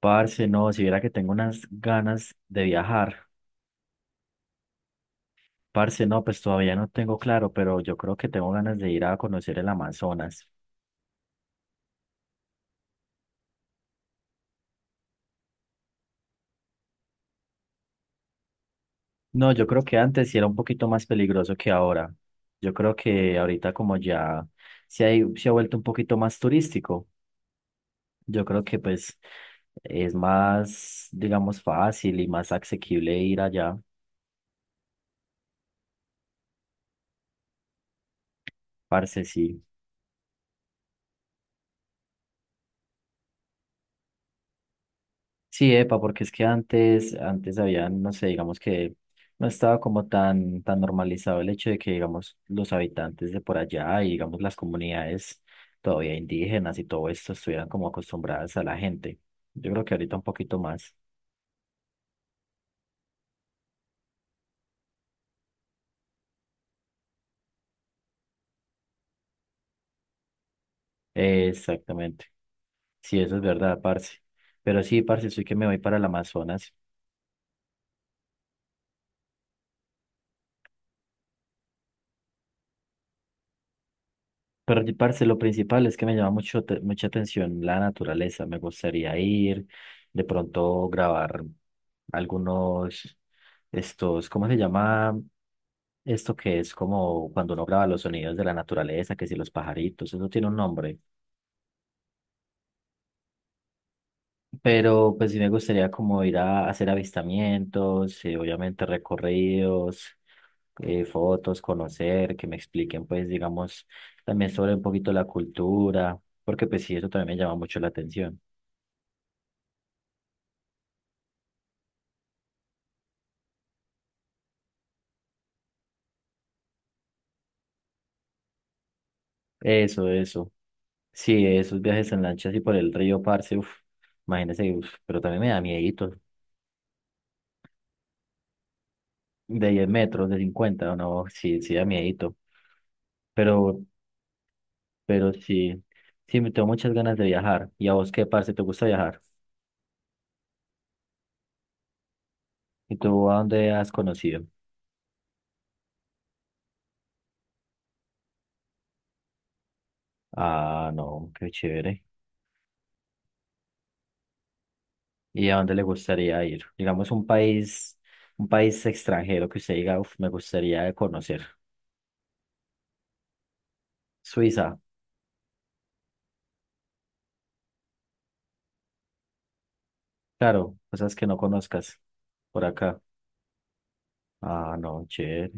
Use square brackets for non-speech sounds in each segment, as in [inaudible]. Parce, no, si viera que tengo unas ganas de viajar. Parce, no, pues todavía no tengo claro, pero yo creo que tengo ganas de ir a conocer el Amazonas. No, yo creo que antes sí era un poquito más peligroso que ahora. Yo creo que ahorita como ya se ha vuelto un poquito más turístico, yo creo que pues es más, digamos, fácil y más asequible ir allá. Parce, sí. Sí, epa, porque es que antes había, no sé, digamos que no estaba como tan normalizado el hecho de que, digamos, los habitantes de por allá y, digamos, las comunidades todavía indígenas y todo esto estuvieran como acostumbradas a la gente. Yo creo que ahorita un poquito más. Exactamente. Sí, eso es verdad, parce. Pero sí, parce, soy que me voy para el Amazonas. Pero, parce, lo principal es que me llama mucho, te- mucha atención la naturaleza. Me gustaría ir, de pronto grabar algunos, estos, ¿cómo se llama? Esto que es como cuando uno graba los sonidos de la naturaleza, que si los pajaritos, eso tiene un nombre. Pero pues sí me gustaría como ir a hacer avistamientos, obviamente recorridos, fotos, conocer, que me expliquen pues digamos también sobre un poquito la cultura, porque pues sí, eso también me llama mucho la atención. Eso, eso. Sí, esos viajes en lancha así por el río. Parce, uf, imagínese, uf, pero también me da miedito. De 10 metros, de 50, no, sí, sí da miedito. Pero, pero sí, sí, me tengo muchas ganas de viajar. ¿Y a vos qué, parce, te gusta viajar? ¿Y tú a dónde has conocido? Ah, no, qué chévere. ¿Y a dónde le gustaría ir? Digamos un país extranjero que usted diga: "Uf, me gustaría conocer". Suiza, claro, cosas que no conozcas por acá. Ah, no, chévere.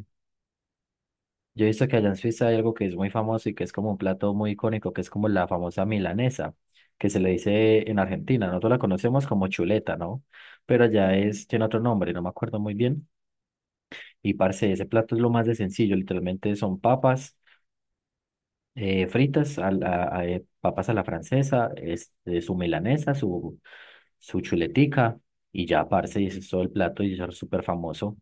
Yo he visto que allá en Suiza hay algo que es muy famoso y que es como un plato muy icónico, que es como la famosa milanesa, que se le dice en Argentina. Nosotros la conocemos como chuleta, ¿no? Pero allá es, tiene otro nombre, no me acuerdo muy bien. Y parce, ese plato es lo más de sencillo, literalmente son papas fritas, papas a la francesa, este, su milanesa, su chuletica y ya, parce, y ese es todo el plato y eso es súper famoso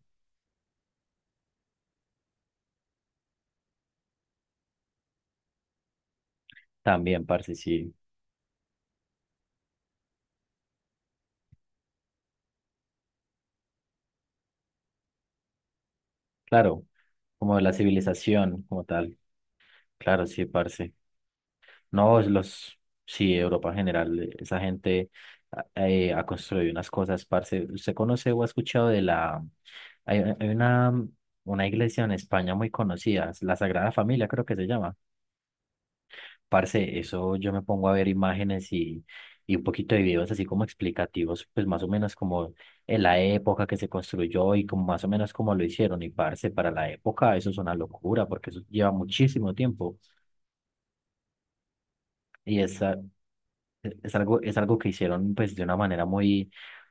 también, parce, sí, claro, como de la civilización como tal, claro, sí, parce. No, es los, sí, Europa en general, esa gente ha construido unas cosas, parce. ¿Usted conoce o ha escuchado de la, hay, hay una, una iglesia en España muy conocida, la Sagrada Familia creo que se llama? Parce, eso yo me pongo a ver imágenes y un poquito de videos así como explicativos, pues más o menos como en la época que se construyó y como más o menos como lo hicieron. Y parce, para la época eso es una locura porque eso lleva muchísimo tiempo. Y esa, es algo, es algo que hicieron pues de una manera muy,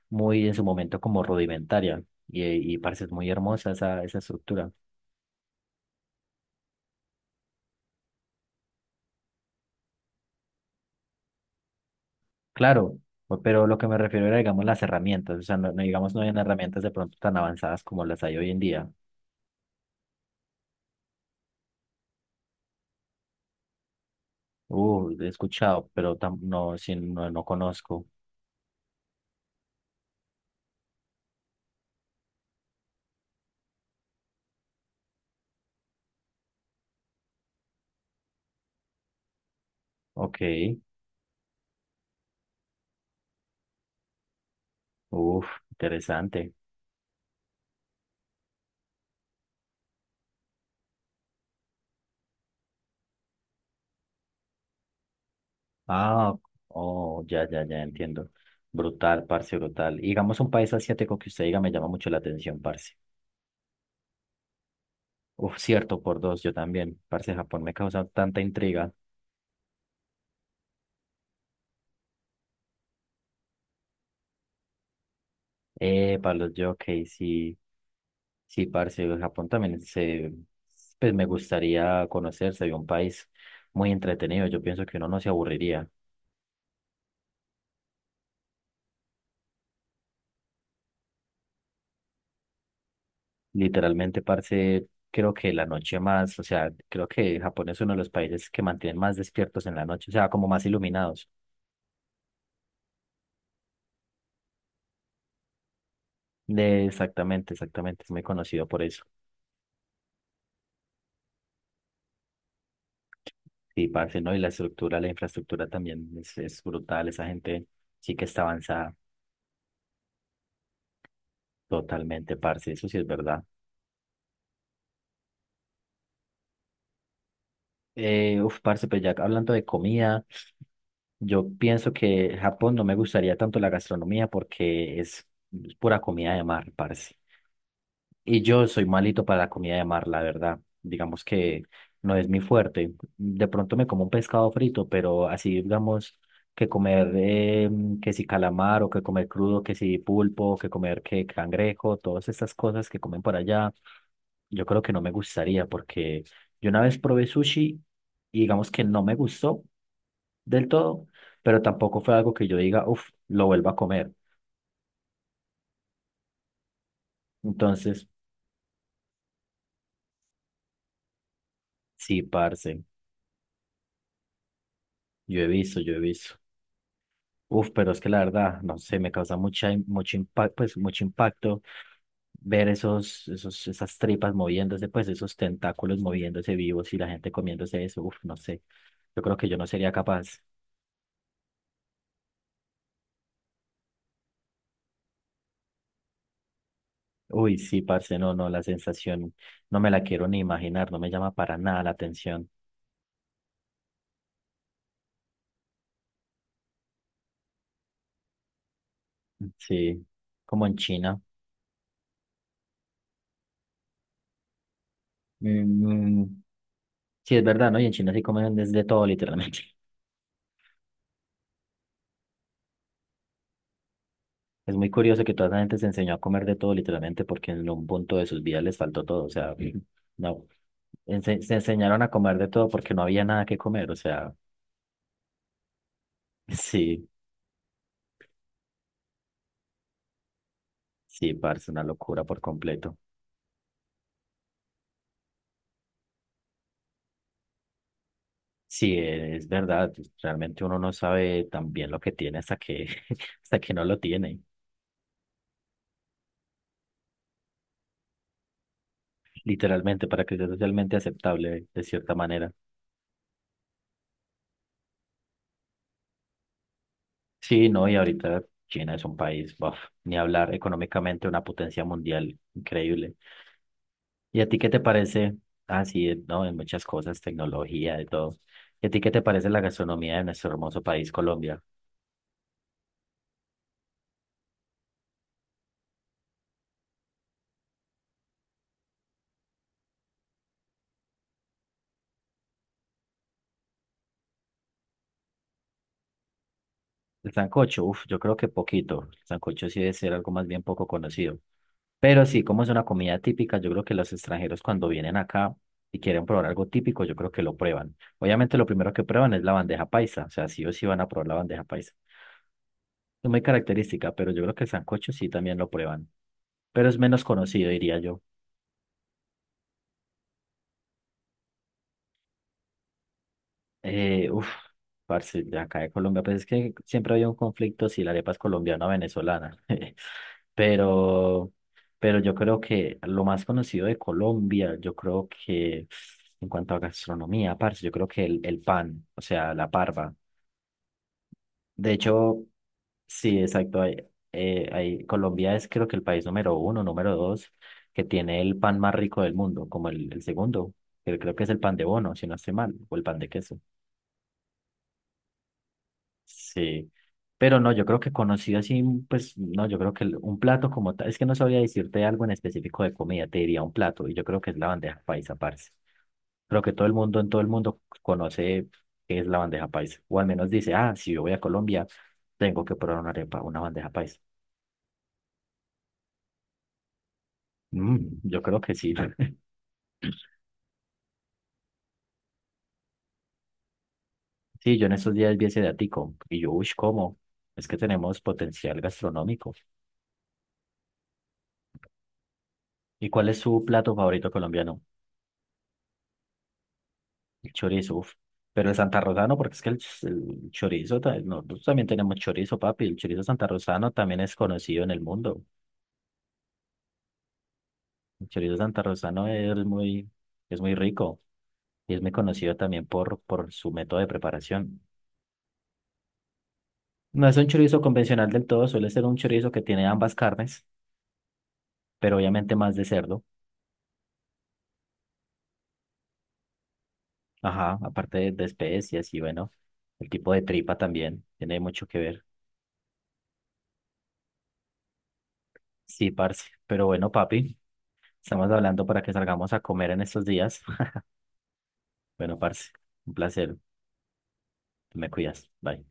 muy en su momento como rudimentaria y, y parece muy hermosa esa estructura. Claro, pero lo que me refiero era, digamos, las herramientas, o sea, no, no, digamos, no hay herramientas de pronto tan avanzadas como las hay hoy en día. He escuchado, pero no, sí, no, no conozco. Ok, uf, interesante. Ah, oh, ya, ya, ya entiendo. Brutal, parce, brutal. Y digamos, un país asiático que usted diga me llama mucho la atención, parce. Uf, cierto, por dos, yo también. Parce, Japón me causa tanta intriga. Para los jockeys, sí, sí, parce, Japón también se, pues me gustaría conocer, sería un país muy entretenido. Yo pienso que uno no se aburriría. Literalmente, parce, creo que la noche más, o sea, creo que Japón es uno de los países que mantienen más despiertos en la noche, o sea, como más iluminados. De, exactamente, exactamente, es muy conocido por eso. Sí, parce, ¿no? Y la estructura, la infraestructura también es brutal, esa gente sí que está avanzada. Totalmente, parce, eso sí es verdad. Uf, parce, pues ya hablando de comida, yo pienso que Japón no me gustaría tanto la gastronomía porque es pura comida de mar, parce. Y yo soy malito para la comida de mar, la verdad. Digamos que no es mi fuerte. De pronto me como un pescado frito, pero así digamos que comer que si calamar o que comer crudo, que si pulpo, que comer que cangrejo, todas estas cosas que comen por allá. Yo creo que no me gustaría porque yo una vez probé sushi y digamos que no me gustó del todo, pero tampoco fue algo que yo diga, uff, lo vuelvo a comer. Entonces, sí, parce, yo he visto, yo he visto. Uf, pero es que la verdad, no sé, me causa mucha, mucho impacto, pues mucho impacto ver esas tripas moviéndose, pues esos tentáculos moviéndose vivos y la gente comiéndose eso. Uf, no sé. Yo creo que yo no sería capaz. Uy, sí, parce, no, no, la sensación no me la quiero ni imaginar, no me llama para nada la atención. Sí, como en China. Mm, mm, sí, es verdad, ¿no? Y en China sí comen desde todo, literalmente. [laughs] Es muy curioso que toda esa gente se enseñó a comer de todo, literalmente, porque en un punto de sus vidas les faltó todo. O sea, [clears throat] no, se enseñaron a comer de todo porque no había nada que comer. O sea, [laughs] sí, sí, parce, una locura por completo. Sí, es verdad, realmente uno no sabe tan bien lo que tiene hasta que, [laughs] hasta que no lo tiene, literalmente, para que sea socialmente aceptable de cierta manera. Sí, no, y ahorita China es un país, buf, ni hablar económicamente, una potencia mundial increíble. ¿Y a ti qué te parece? Ah, sí, no, en muchas cosas, tecnología, de todo. ¿Y a ti qué te parece la gastronomía de nuestro hermoso país, Colombia? El sancocho, uf, yo creo que poquito. El sancocho sí debe ser algo más bien poco conocido. Pero sí, como es una comida típica, yo creo que los extranjeros cuando vienen acá y quieren probar algo típico, yo creo que lo prueban. Obviamente lo primero que prueban es la bandeja paisa, o sea, sí o sí van a probar la bandeja paisa. Es muy característica, pero yo creo que el sancocho sí también lo prueban, pero es menos conocido, diría yo. Uf, parce, de acá de Colombia, pues es que siempre había un conflicto si la arepa es colombiana o venezolana. [laughs] Pero, pero yo creo que lo más conocido de Colombia, yo creo que en cuanto a gastronomía, parce, yo creo que el pan, o sea, la parva. De hecho, sí, exacto. Hay, Colombia es creo que el país número uno, número dos, que tiene el pan más rico del mundo, como el segundo, que creo que es el pan de bono, si no estoy mal, o el pan de queso. Sí, pero no, yo creo que conocido así, mm, pues no, yo creo que un plato como tal, es que no sabría decirte algo en específico de comida, te diría un plato, y yo creo que es la bandeja paisa, parce. Creo que todo el mundo en todo el mundo conoce qué es la bandeja paisa, o al menos dice, ah, si yo voy a Colombia, tengo que probar una arepa, una bandeja paisa. Mm, yo creo que sí. [laughs] Sí, yo en estos días vi ese datico, y yo, uy, ¿cómo? Es que tenemos potencial gastronómico. ¿Y cuál es su plato favorito colombiano? El chorizo, uf. Pero el santarrosano, porque es que el chorizo, nosotros también tenemos chorizo, papi. El chorizo santarrosano también es conocido en el mundo. El chorizo santarrosano es muy rico y es muy conocido también por su método de preparación. No es un chorizo convencional del todo, suele ser un chorizo que tiene ambas carnes, pero obviamente más de cerdo. Ajá, aparte de especias y bueno, el tipo de tripa también tiene mucho que ver. Sí, parce. Pero bueno, papi, estamos hablando para que salgamos a comer en estos días. Bueno, parce, un placer. Me cuidas. Bye.